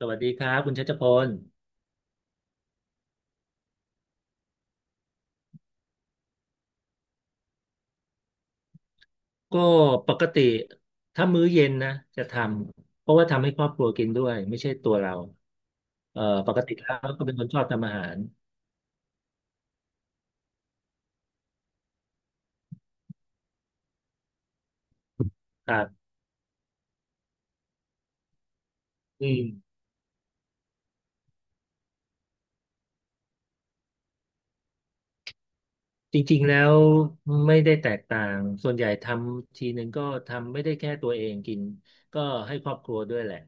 สวัสดีครับคุณชัชพลก็ปกติถ้ามื้อเย็นนะจะทำเพราะว่าทำให้ครอบครัวกินด้วยไม่ใช่ตัวเราปกติแล้วก็เป็นคนชอบทำอาหารครับอืมจริงๆแล้วไม่ได้แตกต่างส่วนใหญ่ทำทีหนึ่งก็ทำไม่ได้แค่ตัวเองกินก็ให้ครอบครัวด้วยแหละ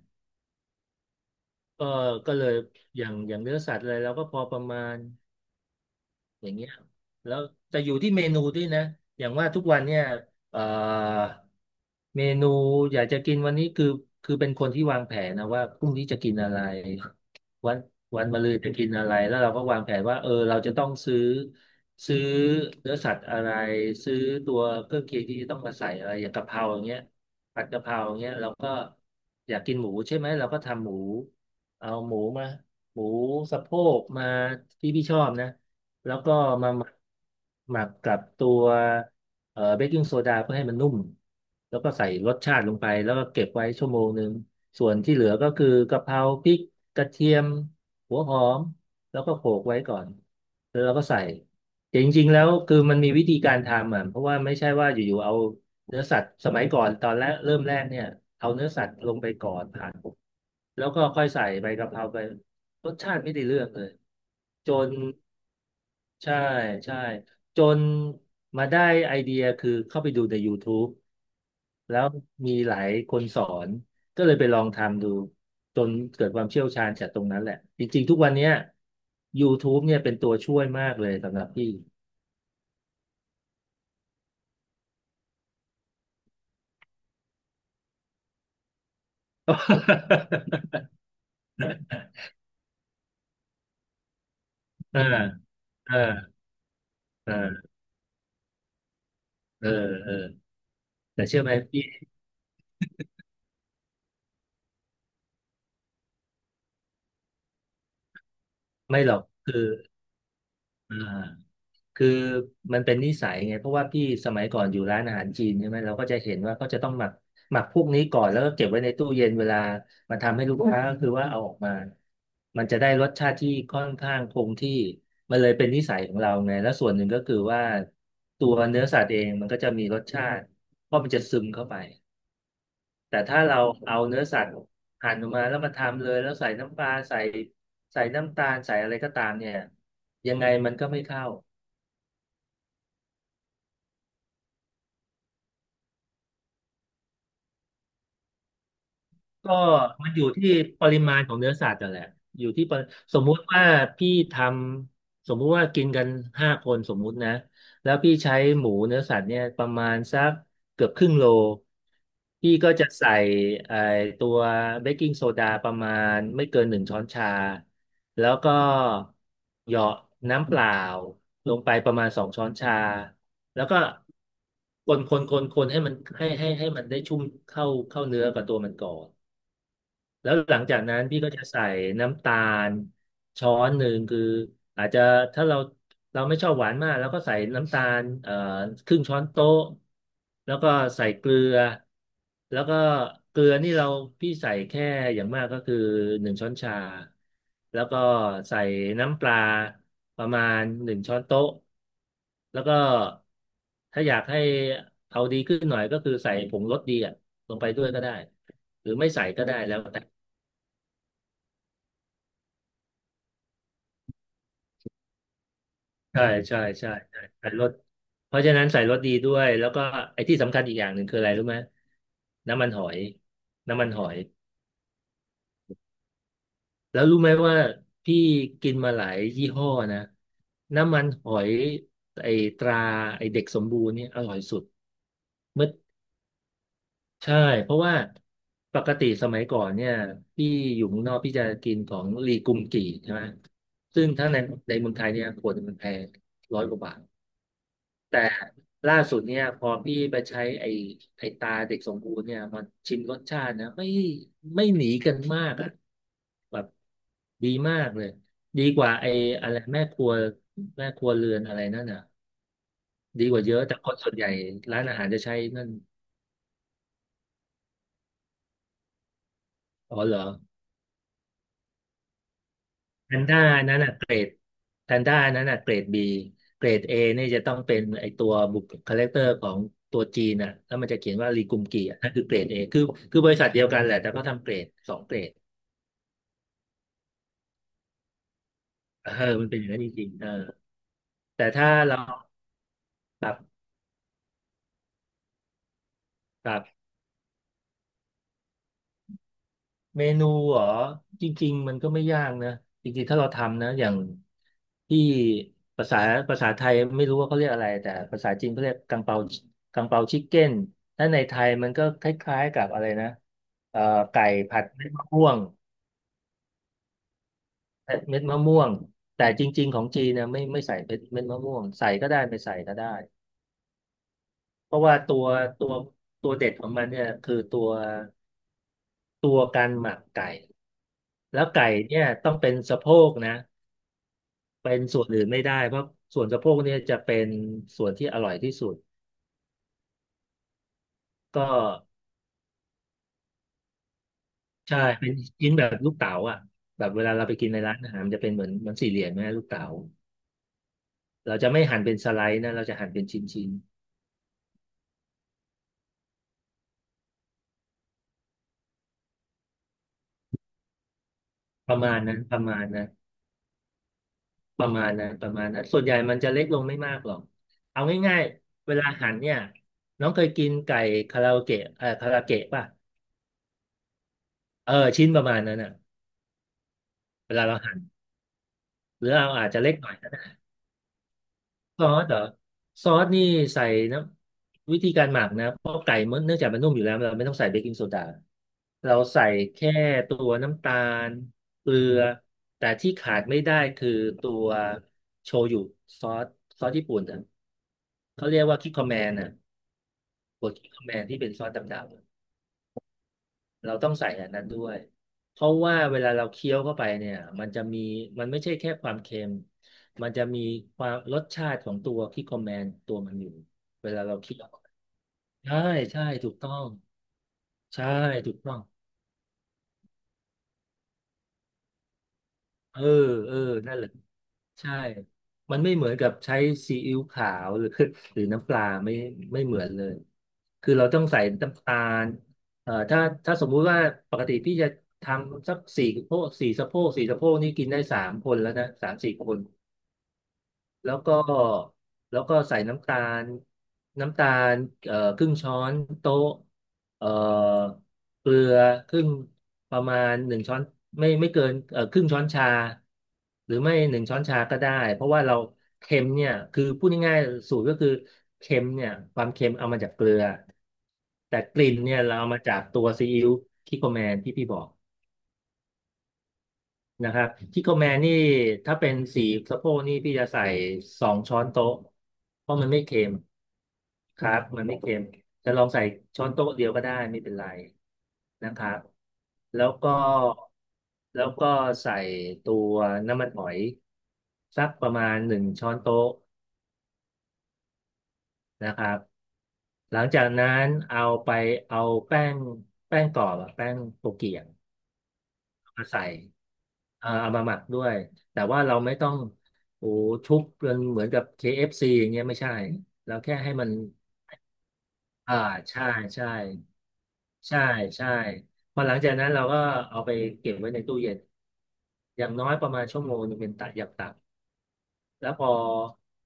ก็ก็เลยอย่างเนื้อสัตว์อะไรเราก็พอประมาณอย่างเงี้ยแล้วแต่อยู่ที่เมนูด้วยนะอย่างว่าทุกวันเนี่ยเอ่อ เมนูอยากจะกินวันนี้คือเป็นคนที่วางแผนนะว่าพรุ่งนี้จะกินอะไรวันวันมะรืนจะกินอะไรแล้วเราก็วางแผนว่าเออเราจะต้องซื้อเนื้อสัตว์อะไรซื้อตัวเครื่องเคียงที่จะต้องมาใส่อะไรอย่างกะเพราอย่างเงี้ยผัดกะเพราอย่างเงี้ยเราก็อยากกินหมูใช่ไหมเราก็ทำหมูเอาหมูมาหมูสะโพกมาที่พี่ชอบนะแล้วก็มาหมักกับตัว เบกกิ้งโซดาเพื่อให้มันนุ่มแล้วก็ใส่รสชาติลงไปแล้วก็เก็บไว้ชั่วโมงหนึ่งส่วนที่เหลือก็คือกะเพราพริกกระเทียมหัวหอมแล้วก็โขลกไว้ก่อนแล้วเราก็ใส่แต่จริงๆแล้วคือมันมีวิธีการทำอ่ะเพราะว่าไม่ใช่ว่าอยู่ๆเอาเนื้อสัตว์สมัยก่อนตอนแรกเริ่มแรกเนี่ยเอาเนื้อสัตว์ลงไปก่อนผ่านแล้วก็ค่อยใส่ใบกะเพราไปรสชาติไม่ได้เรื่องเลยจน ใช่ใช่จนมาได้ไอเดียคือเข้าไปดูใน YouTube แล้วมีหลายคนสอนก็เลยไปลองทำดูจนเกิดความเชี่ยวชาญจากตรงนั้นแหละจริงๆทุกวันเนี้ย YouTube เนี่ยเป็นตัวช่วยมากเลยสำหรับพี่ อ่าอ่าอ่าเออเออแต่เชื่อไหมพี่ไม่หรอกอ่า คือมันเป็นนิสัยไงเพราะว่าพี่สมัยก่อนอยู่ร้านอาหารจีนใช่ไหมเราก็จะเห็นว่าเขาจะต้องหมักพวกนี้ก่อนแล้วก็เก็บไว้ในตู้เย็นเวลามาทำให้ลูกค้าก็คือว่าเอาออกมามันจะได้รสชาติที่ค่อนข้างคงที่มันเลยเป็นนิสัยของเราไงแล้วส่วนหนึ่งก็คือว่าตัวเนื้อสัตว์เองมันก็จะมีรสชาติเพราะมันจะซึมเข้าไปแต่ถ้าเราเอาเนื้อสัตว์หั่นออกมาแล้วมาทำเลยแล้วใส่น้ำปลาใส่น้ำตาลใส่อะไรก็ตามเนี่ยยังไงมันก็ไม่เข้า ก็มันอยู่ที่ปริมาณของเนื้อสัตว์นั่นแหละอยู่ที่สมมุติว่าพี่ทำสมมุติว่ากินกันห้าคนสมมุตินะแล้วพี่ใช้หมูเนื้อสัตว์เนี่ยประมาณสักเกือบครึ่งโลพี่ก็จะใส่ไอ้ตัวเบกกิ้งโซดาประมาณไม่เกินหนึ่งช้อนชาแล้วก็เหยาะน้ำเปล่าลงไปประมาณสองช้อนชาแล้วก็คนให้มันให้มันได้ชุ่มเข้าเนื้อกับตัวมันก่อน แล้วหลังจากนั้นพี่ก็จะใส่น้ำตาลช้อนหนึ่งคืออาจจะถ้าเราเราไม่ชอบหวานมากแล้วก็ใส่น้ำตาลครึ่งช้อนโต๊ะแล้วก็ใส่เกลือแล้วก็เกลือนี่เราพี่ใส่แค่อย่างมากก็คือหนึ่งช้อนชาแล้วก็ใส่น้ำปลาประมาณหนึ่งช้อนโต๊ะแล้วก็ถ้าอยากให้เอาดีขึ้นหน่อยก็คือใส่ผงรสดีอ่ะลงไปด้วยก็ได้หรือไม่ใส่ก็ได้แล้วแต่ ใช่ใช่ใช่ใช่ใส่รสเพราะฉะนั้นใส่รสดีด้วยแล้วก็ไอ้ที่สำคัญอีกอย่างหนึ่งคืออะไรรู้ไหมน้ำมันหอยน้ำมันหอยแล้วรู้ไหมว่าพี่กินมาหลายยี่ห้อนะน้ำมันหอยไอ้ตราไอ้เด็กสมบูรณ์เนี่ยอร่อยสุดเมื่อใช่เพราะว่าปกติสมัยก่อนเนี่ยพี่อยู่เมืองนอกพี่จะกินของลีกุมกี่ใช่ไหมซึ่งถ้าในเมืองไทยเนี่ยขวดหนึ่งมันแพงร้อยกว่าบาท แต่ล่าสุดเนี่ยพอพี่ไปใช้ไอ้ตาเด็กสมบูรณ์เนี่ยมันชิมรสชาตินะไม่หนีกันมากอ่ะแบบดีมากเลยดีกว่าไอ้อะไรแม่ครัวเรือนอะไรนั่นน่ะดีกว่าเยอะแต่คนส่วนใหญ่ร้านอาหารจะใช้นั่นอ๋อเหรอแพนด้านั่นน่ะเกรด แพนด้านั้นน่ะเกรด B เกรด A นี่จะต้องเป็นไอตัวบุคคาแรคเตอร์ของตัวจีนน่ะแล้วมันจะเขียนว่ารีกุมกีอ่ะนั่นคือเกรด A คือบริษัทเดียวกันแหละแต่ก็ทำเกรดสองเกรดเออมันเป็นอย่างนั้นจริงๆเออแต่ถ้าเราปรับปรับ เมนูเหรอจริงๆมันก็ไม่ยากนะจริงๆถ้าเราทำนะอย่างที่ภาษาภาษาไทยไม่รู้ว่าเขาเรียกอะไรแต่ภาษาจีนเขาเรียกกังเปากังเปาชิคเก้นถ้าในไทยมันก็คล้ายๆกับอะไรนะเอ่อไก่ผัดเม็ดมะม่วงเม็ดมะม่วงแต่จริงๆของจีนนะไม่ใส่เม็ดมะม่วงใส่ก็ได้ไม่ใส่ก็ได้เพราะว่าตัวตัวตัวเด็ดของมันเนี่ยคือตัวการหมักไก่แล้วไก่เนี่ยต้องเป็นสะโพกนะ เป็นส่วนอื่นไม่ได้เพราะส่วนสะโพกเนี่ยจะเป็นส่วนที่อร่อยที่สุดก็ใช่เป็นชิ้นแบบลูกเต๋าอ่ะแบบเวลาเราไปกินในร้านอาหารมันจะเป็นเหมือนเหมันสี่เหลี่ยมนะลูกเต๋าเราจะไม่หั่นเป็นสไลด์นะเราจะหั่นเป็นชิ้นๆประมาณนั้นประมาณนั้นประมาณนั้นประมาณนั้นส่วนใหญ่มันจะเล็กลงไม่มากหรอกเอาง่ายๆเวลาหั่นเนี่ยน้องเคยกินไก่คาราโอเกะคาราเกะป่ะเออชิ้นประมาณนั้นอ่ะเวลาเราหั่นหรือเราอาจจะเล็กหน่อย ซอสเหรอซอสนี่ใส่น้ำวิธีการหมักนะเพราะไก่มันเนื่องจากมันนุ่มอยู่แล้วเราไม่ต้องใส่เบกกิ้งโซดาเราใส่แค่ตัวน้ำตาลเกลือแต่ที่ขาดไม่ได้คือตัวโชยุซอสซอสญี่ปุ่นอ่ะเขาเรียกว่าคิโคแมนอ่ะบดคิโคแมนที่เป็นซอสดำๆ เราต้องใส่อันนั้นด้วย เพราะว่าเวลาเราเคี้ยวเข้าไปเนี่ยมันจะมีมันไม่ใช่แค่ความเค็มมันจะมีความรสชาติของตัวที่คอมแมนตัวมันอยู่เวลาเราเคี้ยวใช่ใช่ถูกต้องใช่ถูกต้องเออเออนั่นแหละ ใช่ มันไม่เหมือนกับใช้ซีอิ๊วขาวหรือ หรือน้ำปลาไม่เหมือนเลย คือเราต้องใส่น้ำตาลเอ่อถ้าถ้าสมมุติว่าปกติพี่จะทำสักสี่สะโพกสี่สะโพกสี่สะโพกนี่กินได้สามคนแล้วนะสามสี่คน แล้วก็แล้วก็ใส่ลน้ำตาลครึ่งช้อนโต๊ะเอ่อเกลือครึ่งประมาณหนึ่งช้อนไม่เกินครึ่งช้อนชาหรือไม่หนึ่งช้อนชาก็ได้เพราะว่าเราเค็มเนี่ยคือพูดง่ายๆสูตรก็คือเค็มเนี่ยความเค็มเอามาจากเกลือแต่กลิ่นเนี่ยเราเอามาจากตัวซีอิ๊วคิโกแมนที่พี่บอก นะครับที่โกแมนี่ ถ้าเป็นสีสะโพกนี่พี่จะใส่สองช้อนโต๊ะ เพราะมันไม่เค็มครับ มันไม่เค็ม จะลองใส่ช้อนโต๊ะเดียวก็ได้ไม่เป็นไรนะครับแล้วก็แล้วก็ใส่ตัวน้ำมันหอยสักประมาณหนึ่งช้อนโต๊ะนะครับหลังจากนั้นเอาไปเอาแป้งแป้งกรอบอะแป้งโตเกียงมาใส่ อ่าเอามาหมักด้วยแต่ว่าเราไม่ต้องโอ้ทุบเป็นเหมือนกับ KFC อฟซีอย่างเงี้ยไม่ใช่เราแค่ให้มันอ่าใช่ใช่ใช่ใช่พอหลังจากนั้นเราก็เอาไปเก็บไว้ในตู้เย็นอย่างน้อยประมาณชั่วโมงหนึงเป็นตัอย่างต่ำแล้วพอ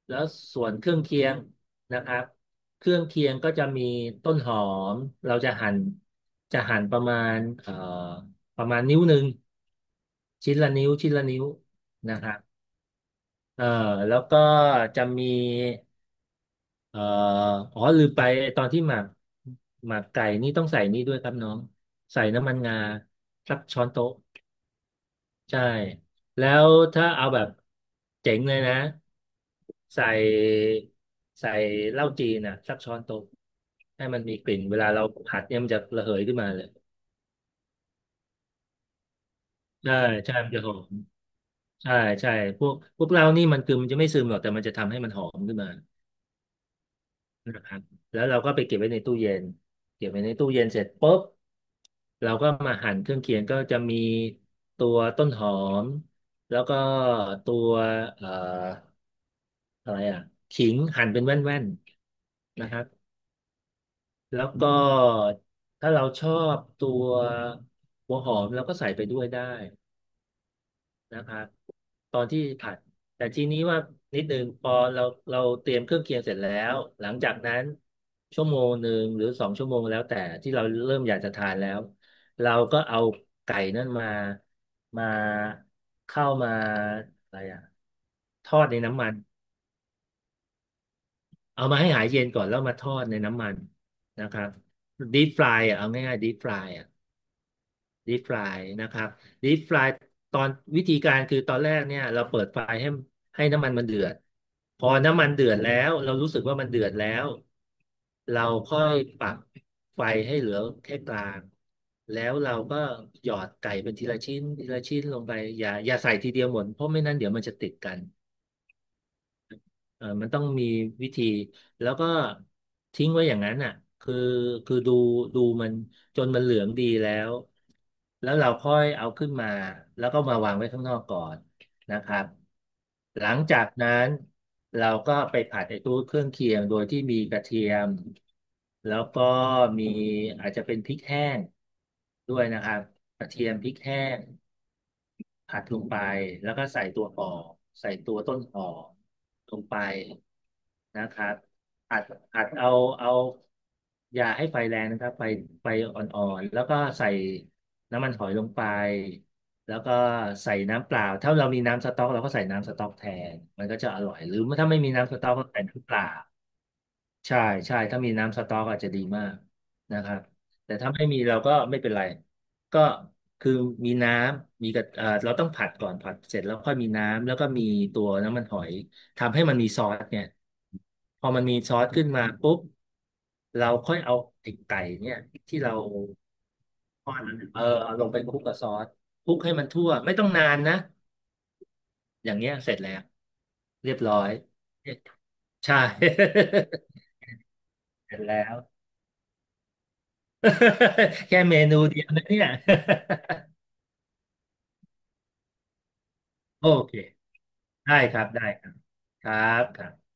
แล้วส่วนเครื่องเคียงนะครับเครื่องเคียงก็จะมีต้นหอมเราจะหั่นจะหั่นประมาณประมาณนิ้วหนึ่งชิ้นละนิ้วชิ้นละนิ้วนะครับ เออแล้วก็จะมีเอ่ออ๋อลืมไปตอนที่หมักหมักไก่นี่ต้องใส่นี่ด้วยครับน้องใส่น้ำมันงาสักช้อนโต๊ะใช่แล้วถ้าเอาแบบเจ๋งเลยนะใส่ใส่เหล้าจีนนะสักช้อนโต๊ะให้มันมีกลิ่นเวลาเราผัดเนี่ยมันจะระเหยขึ้นมาเลยใช่ใช่มันจะหอมใช่ใช่พวกเรานี่มันคือมันจะไม่ซึมหรอกแต่มันจะทำให้มันหอมขึ้นมา นะครับแล้วเราก็ไปเก็บไว้ในตู้เย็นเก็บไว้ในตู้เย็นเสร็จปุ๊บเราก็มาหั่นเครื่องเคียงก็จะมีตัวต้นหอมแล้วก็ตัวเอ่ออะไรอ่ะขิงหั่นเป็นแว่นๆนะครับแล้วก็ถ้าเราชอบตัวหัวหอมเราก็ใส่ไปด้วยได้ นะครับตอนที่ผัดแต่ทีนี้ว่านิดนึงพอเราเราเตรียมเครื่องเคียงเสร็จแล้วหลังจากนั้นชั่วโมงหนึ่งหรือสองชั่วโมงแล้วแต่ที่เราเริ่มอยากจะทานแล้วเราก็เอาไก่นั่นมามาเข้ามาอะไรอะทอดในน้ำมันเอามาให้หายเย็นก่อนแล้วมาทอดในน้ำมันนะครับด e ฟ p ายอ่ะเอาง่ายๆ deep f r อ่ะ deep fry นะครับ deep fry ตอนวิธีการคือตอนแรกเนี่ยเราเปิดไฟให้น้ำมันมันเดือดพอน้ำมันเดือดแล้วเรารู้สึกว่ามันเดือดแล้วเราค่อยปรับไฟให้เหลือแค่กลางแล้วเราก็หยอดไก่เป็นทีละชิ้นทีละชิ้นลงไปอย่าใส่ทีเดียวหมดเพราะไม่นั้นเดี๋ยวมันจะติดกัน เออมันต้องมีวิธีแล้วก็ทิ้งไว้อย่างนั้นอ่ะคือคือดูดูมันจนมันเหลืองดีแล้วแล้วเราค่อยเอาขึ้นมาแล้วก็มาวางไว้ข้างนอกก่อนนะครับหลังจากนั้นเราก็ไปผัดไอ้ตัวเครื่องเคียงโดยที่มีกระเทียมแล้วก็มีอาจจะเป็นพริกแห้งด้วยนะครับกระเทียมพริกแห้ง ผัดลงไปแล้วก็ใส่ตัวปอใส่ตัวต้นหอลงไปนะครับอัดอัดเอาเอาอย่าให้ไฟแรงนะครับไฟอ่อนๆแล้วก็ใส่น้ำมันหอยลงไปแล้วก็ใส่น้ำเปล่าถ้าเรามีน้ำสต๊อกเราก็ใส่น้ำสต๊อกแทนมันก็จะอร่อยหรือถ้าไม่มีน้ำสต๊อกก็ใส่น้ำเปล่า ใช่ใช่ถ้ามีน้ำสต๊อกอาจจะดีมากนะครับแต่ถ้าไม่มีเราก็ไม่เป็นไรก็คือมีน้ำมีกระเราต้องผัดก่อนผัดเสร็จแล้วค่อยมีน้ำแล้วก็มีตัวน้ำมันหอยทำให้มันมีซอสเนี่ยพอมันมีซอสขึ้นมาปุ๊บเราค่อยเอาไอ้ไก่เนี่ยที่เราทอดนั้นเออเอาลงไปคลุกกับซอสคลุกให้มันทั่วไม่ต้องนานนะอย่างเงี้ยเสร็จแล้วเรียบร้อยใช่ เสร็จแล้ว แค่เมนูเดียวนะเนี่ย โอเคได้ครับได้ครับครับครับ